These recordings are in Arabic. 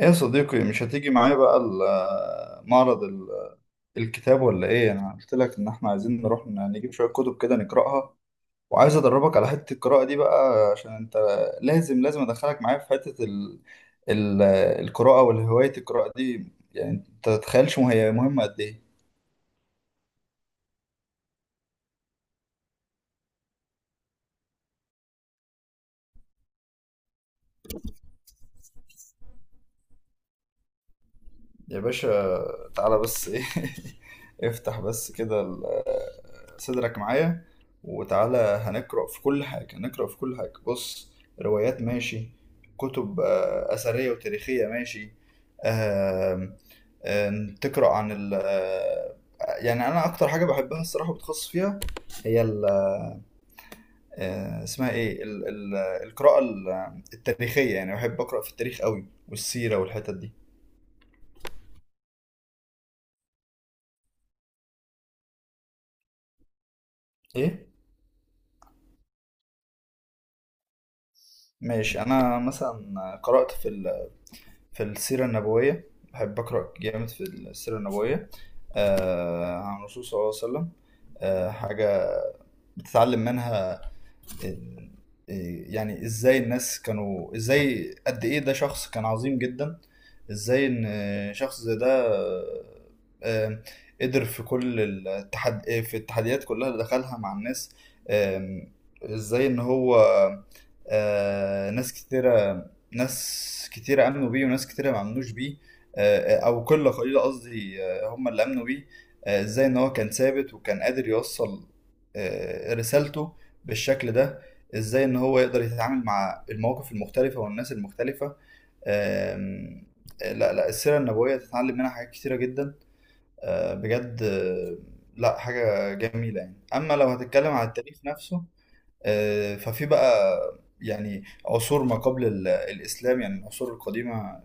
ايه يا صديقي، مش هتيجي معايا بقى الكتاب ولا ايه؟ انا قلت لك ان احنا عايزين نروح نجيب شوية كتب كده نقراها، وعايز ادربك على حتة القراءة دي بقى، عشان انت لازم ادخلك معايا في حتة ال... القراءة والهواية القراءة دي. يعني انت تتخيلش هي مهمة قد ايه؟ يا باشا، تعالى بس ايه؟ افتح بس كده صدرك معايا، وتعالى هنقرأ في كل حاجة، نقرأ في كل حاجة. بص، روايات ماشي، كتب أثرية وتاريخية ماشي، آم، آم، تقرأ عن ال آه، يعني أنا أكتر حاجة بحبها الصراحة وبتخصص فيها هي ال آه، اسمها إيه ال ال القراءة التاريخية. يعني بحب أقرأ في التاريخ قوي، والسيرة والحتت دي. إيه؟ ماشي، انا مثلا قرأت في السيرة النبوية، بحب أقرأ جامد في السيرة النبوية. عن الرسول صلى الله عليه وسلم. حاجة بتتعلم منها. إيه- إيه، يعني ازاي الناس كانوا، ازاي قد ايه ده شخص كان عظيم جدا. ازاي ان شخص زي ده آه، قدر في كل التحد آه، في التحديات كلها اللي دخلها مع الناس. آم، ازاي ان هو آه، ناس كتيرة ناس كتيرة امنوا بيه، وناس كتيرة ما امنوش بيه. او قلة قليلة قصدي هم اللي امنوا بيه. ازاي ان هو كان ثابت، وكان قادر يوصل رسالته بالشكل ده. ازاي ان هو يقدر يتعامل مع المواقف المختلفة والناس المختلفة. آم، لا لا، السيرة النبوية تتعلم منها حاجات كتيرة جدا بجد لا، حاجة جميلة يعني. اما لو هتتكلم على التاريخ نفسه ففي بقى يعني عصور ما قبل الإسلام، يعني العصور القديمة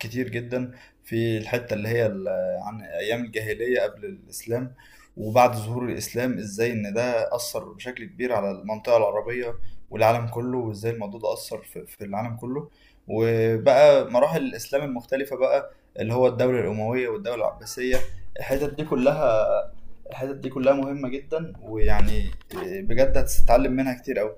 كتير جدا. في الحتة اللي هي عن أيام الجاهلية قبل الإسلام، وبعد ظهور الإسلام، إزاي إن ده أثر بشكل كبير على المنطقة العربية والعالم كله، وإزاي الموضوع ده أثر في العالم كله. وبقى مراحل الإسلام المختلفة بقى، اللي هو الدولة الأموية والدولة العباسية، الحتت دي كلها. الحتت دي كلها مهمة جدا، ويعني بجد هتتعلم منها كتير أوي.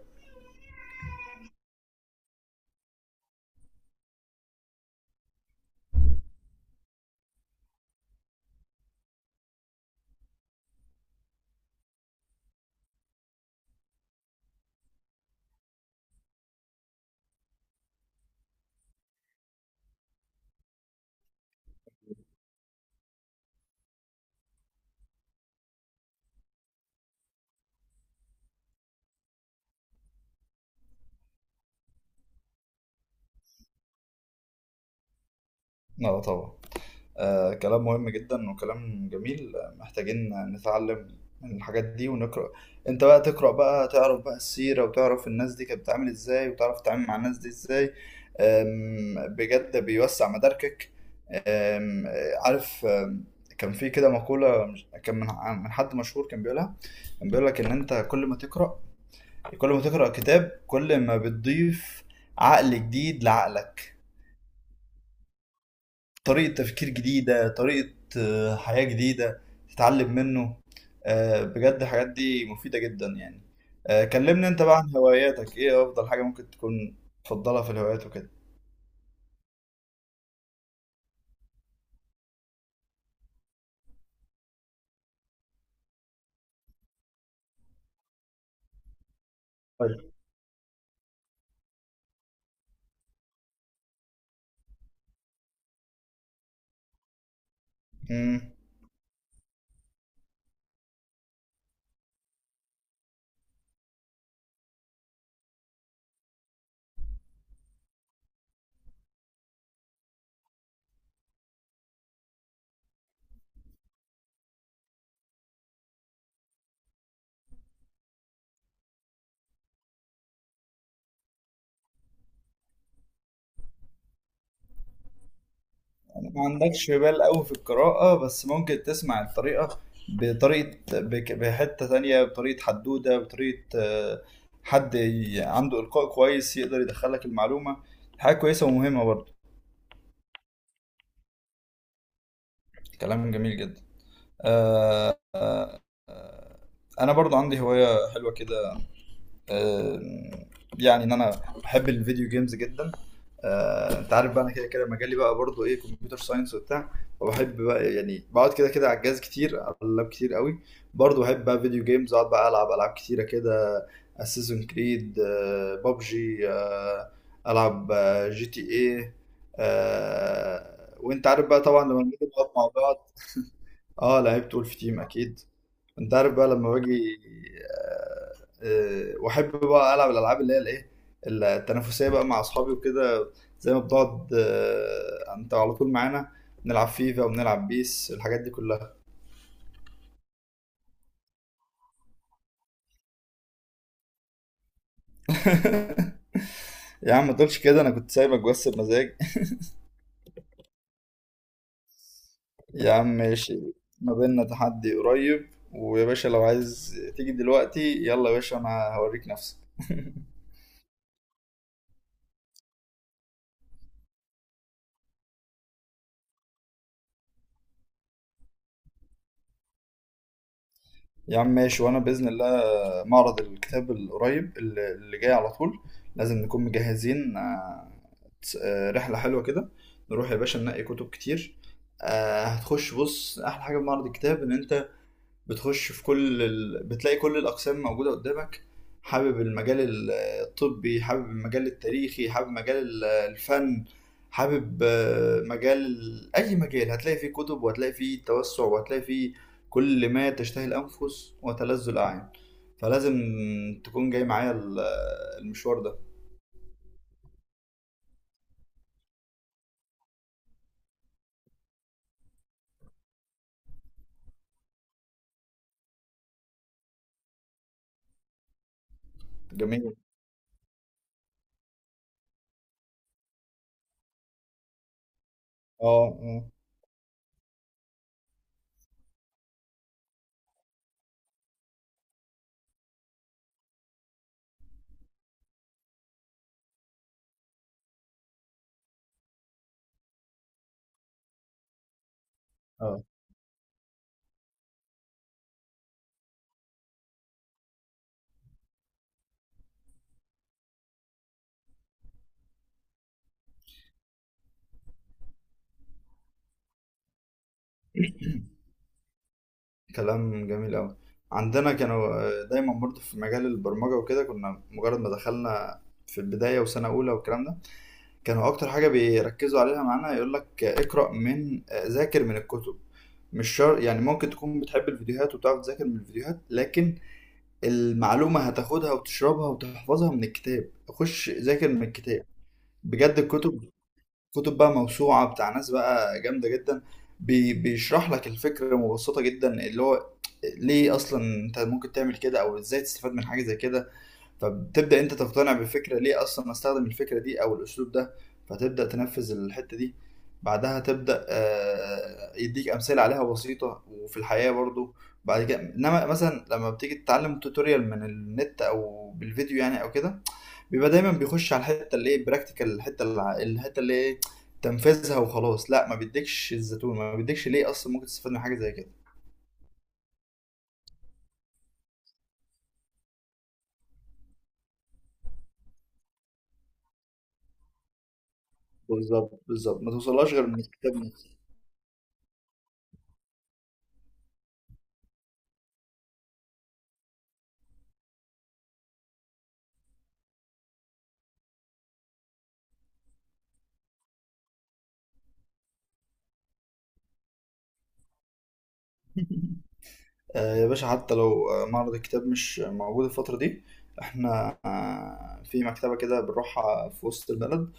اه طبعا. آه، كلام مهم جدا وكلام جميل. محتاجين نتعلم من الحاجات دي ونقرأ. انت بقى تقرأ بقى، تعرف بقى السيرة، وتعرف الناس دي كانت بتتعامل ازاي، وتعرف تتعامل مع الناس دي ازاي. بجد بيوسع مداركك. آم، آه، عارف، كان في كده مقولة، كان من حد مشهور كان بيقولها. كان بيقول لك ان انت، كل ما تقرأ كتاب، كل ما بتضيف عقل جديد لعقلك، طريقة تفكير جديدة، طريقة حياة جديدة تتعلم منه. بجد الحاجات دي مفيدة جدا يعني. كلمني انت بقى عن هواياتك، ايه افضل حاجة ممكن تكون تفضلها في الهوايات وكده؟ طيب. مم. ما عندكش بال قوي في القراءة، بس ممكن تسمع الطريقة بطريقة بحتة تانية، بطريقة حدودة، بطريقة حد عنده إلقاء كويس يقدر يدخلك المعلومة. حاجة كويسة ومهمة برضه. كلام جميل جدا. آه، أنا برضه عندي هواية حلوة كده. آه، يعني ان انا بحب الفيديو جيمز جدا. انت عارف بقى انا كده كده مجالي بقى برضو ايه، كمبيوتر ساينس وبتاع. فبحب بقى يعني بقعد كده كده على الجهاز كتير، على اللاب كتير قوي. برضو بحب بقى فيديو جيمز، اقعد بقى العب العاب كتيره كده. اساسن كريد، بابجي، العب جي تي ايه. وانت عارف بقى طبعا لما بنيجي نقعد مع بعض. اه لعبت ولف تيم اكيد. انت عارف بقى لما باجي، واحب بقى العب الالعاب اللي هي الايه، التنافسيه بقى، مع اصحابي وكده. زي ما بنقعد انت على طول معانا، بنلعب فيفا وبنلعب بيس، الحاجات دي كلها. يا عم، ما تقولش كده، انا كنت سايبك بس بمزاج. يا عم ماشي. ما بيننا تحدي قريب، ويا باشا لو عايز تيجي دلوقتي يلا يا باشا، انا هوريك نفسك. يا عم ماشي، وانا باذن الله معرض الكتاب القريب اللي جاي على طول، لازم نكون مجهزين، رحله حلوه كده نروح يا باشا، ننقي كتب كتير. هتخش بص، احلى حاجه في معرض الكتاب ان انت بتخش في كل ال... بتلاقي كل الاقسام موجوده قدامك. حابب المجال الطبي، حابب المجال التاريخي، حابب مجال الفن، حابب مجال اي مجال هتلاقي فيه كتب، وهتلاقي فيه توسع، وهتلاقي فيه كل ما تشتهي الانفس وتلذ الاعين. فلازم تكون جاي معايا المشوار ده. جميل، اه اه. آه. كلام جميل أوي. عندنا كانوا دايما برضو في مجال البرمجة وكده، كنا مجرد ما دخلنا في البداية وسنة أولى والكلام ده، كانوا أكتر حاجة بيركزوا عليها معانا يقول لك اقرأ من آه، ذاكر من الكتب. مش شرط يعني، ممكن تكون بتحب الفيديوهات وبتعرف تذاكر من الفيديوهات، لكن المعلومة هتاخدها وتشربها وتحفظها من الكتاب، خش ذاكر من الكتاب. بجد الكتب، كتب بقى موسوعة بتاع ناس بقى جامدة جدا. بيشرح لك الفكرة مبسطة جدا، اللي هو ليه أصلا أنت ممكن تعمل كده، أو إزاي تستفاد من حاجة زي كده. فبتبدأ أنت تقتنع بالفكرة، ليه أصلا أستخدم الفكرة دي أو الأسلوب ده. فتبدأ تنفذ الحتة دي. بعدها تبدأ يديك أمثلة عليها بسيطة وفي الحياة برضو. بعد كده، إنما مثلا لما بتيجي تتعلم توتوريال من النت أو بالفيديو يعني أو كده، بيبقى دايما بيخش على الحته اللي ايه براكتيكال، الحته الحته اللي ايه تنفذها وخلاص. لا ما بيديكش الزيتون، ما بيديكش ليه اصلا ممكن تستفاد من حاجه زي كده. بالظبط بالظبط، ما توصلهاش غير من الكتاب نفسه. آه يا باشا، حتى لو معرض الكتاب مش موجود الفتره دي، احنا آه في مكتبه كده بنروحها في وسط البلد،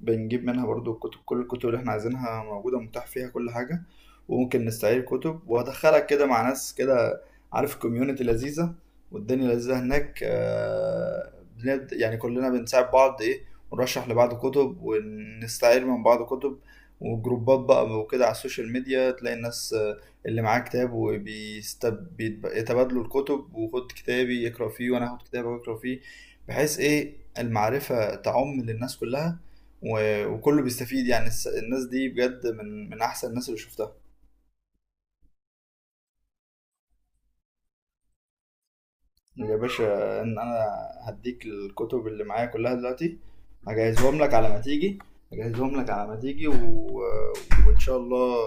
بنجيب منها برضو الكتب، كل الكتب اللي احنا عايزينها موجودة، متاح فيها كل حاجة. وممكن نستعير كتب، وهدخلك كده مع ناس كده، عارف، كوميونتي لذيذة والدنيا لذيذة هناك. بنبدأ يعني كلنا بنساعد بعض ايه، ونرشح لبعض كتب، ونستعير من بعض كتب، وجروبات بقى وكده على السوشيال ميديا، تلاقي الناس اللي معاه كتاب وبيتبادلوا الكتب، وخد كتابي يقرأ فيه وانا هاخد كتابك واقرأ فيه، بحيث ايه المعرفة تعم للناس كلها، وكله بيستفيد يعني. الناس دي بجد من احسن الناس اللي شفتها. يا باشا ان انا هديك الكتب اللي معايا كلها دلوقتي، هجهزهم لك على ما تيجي هجهزهم لك على ما تيجي و... وان شاء الله.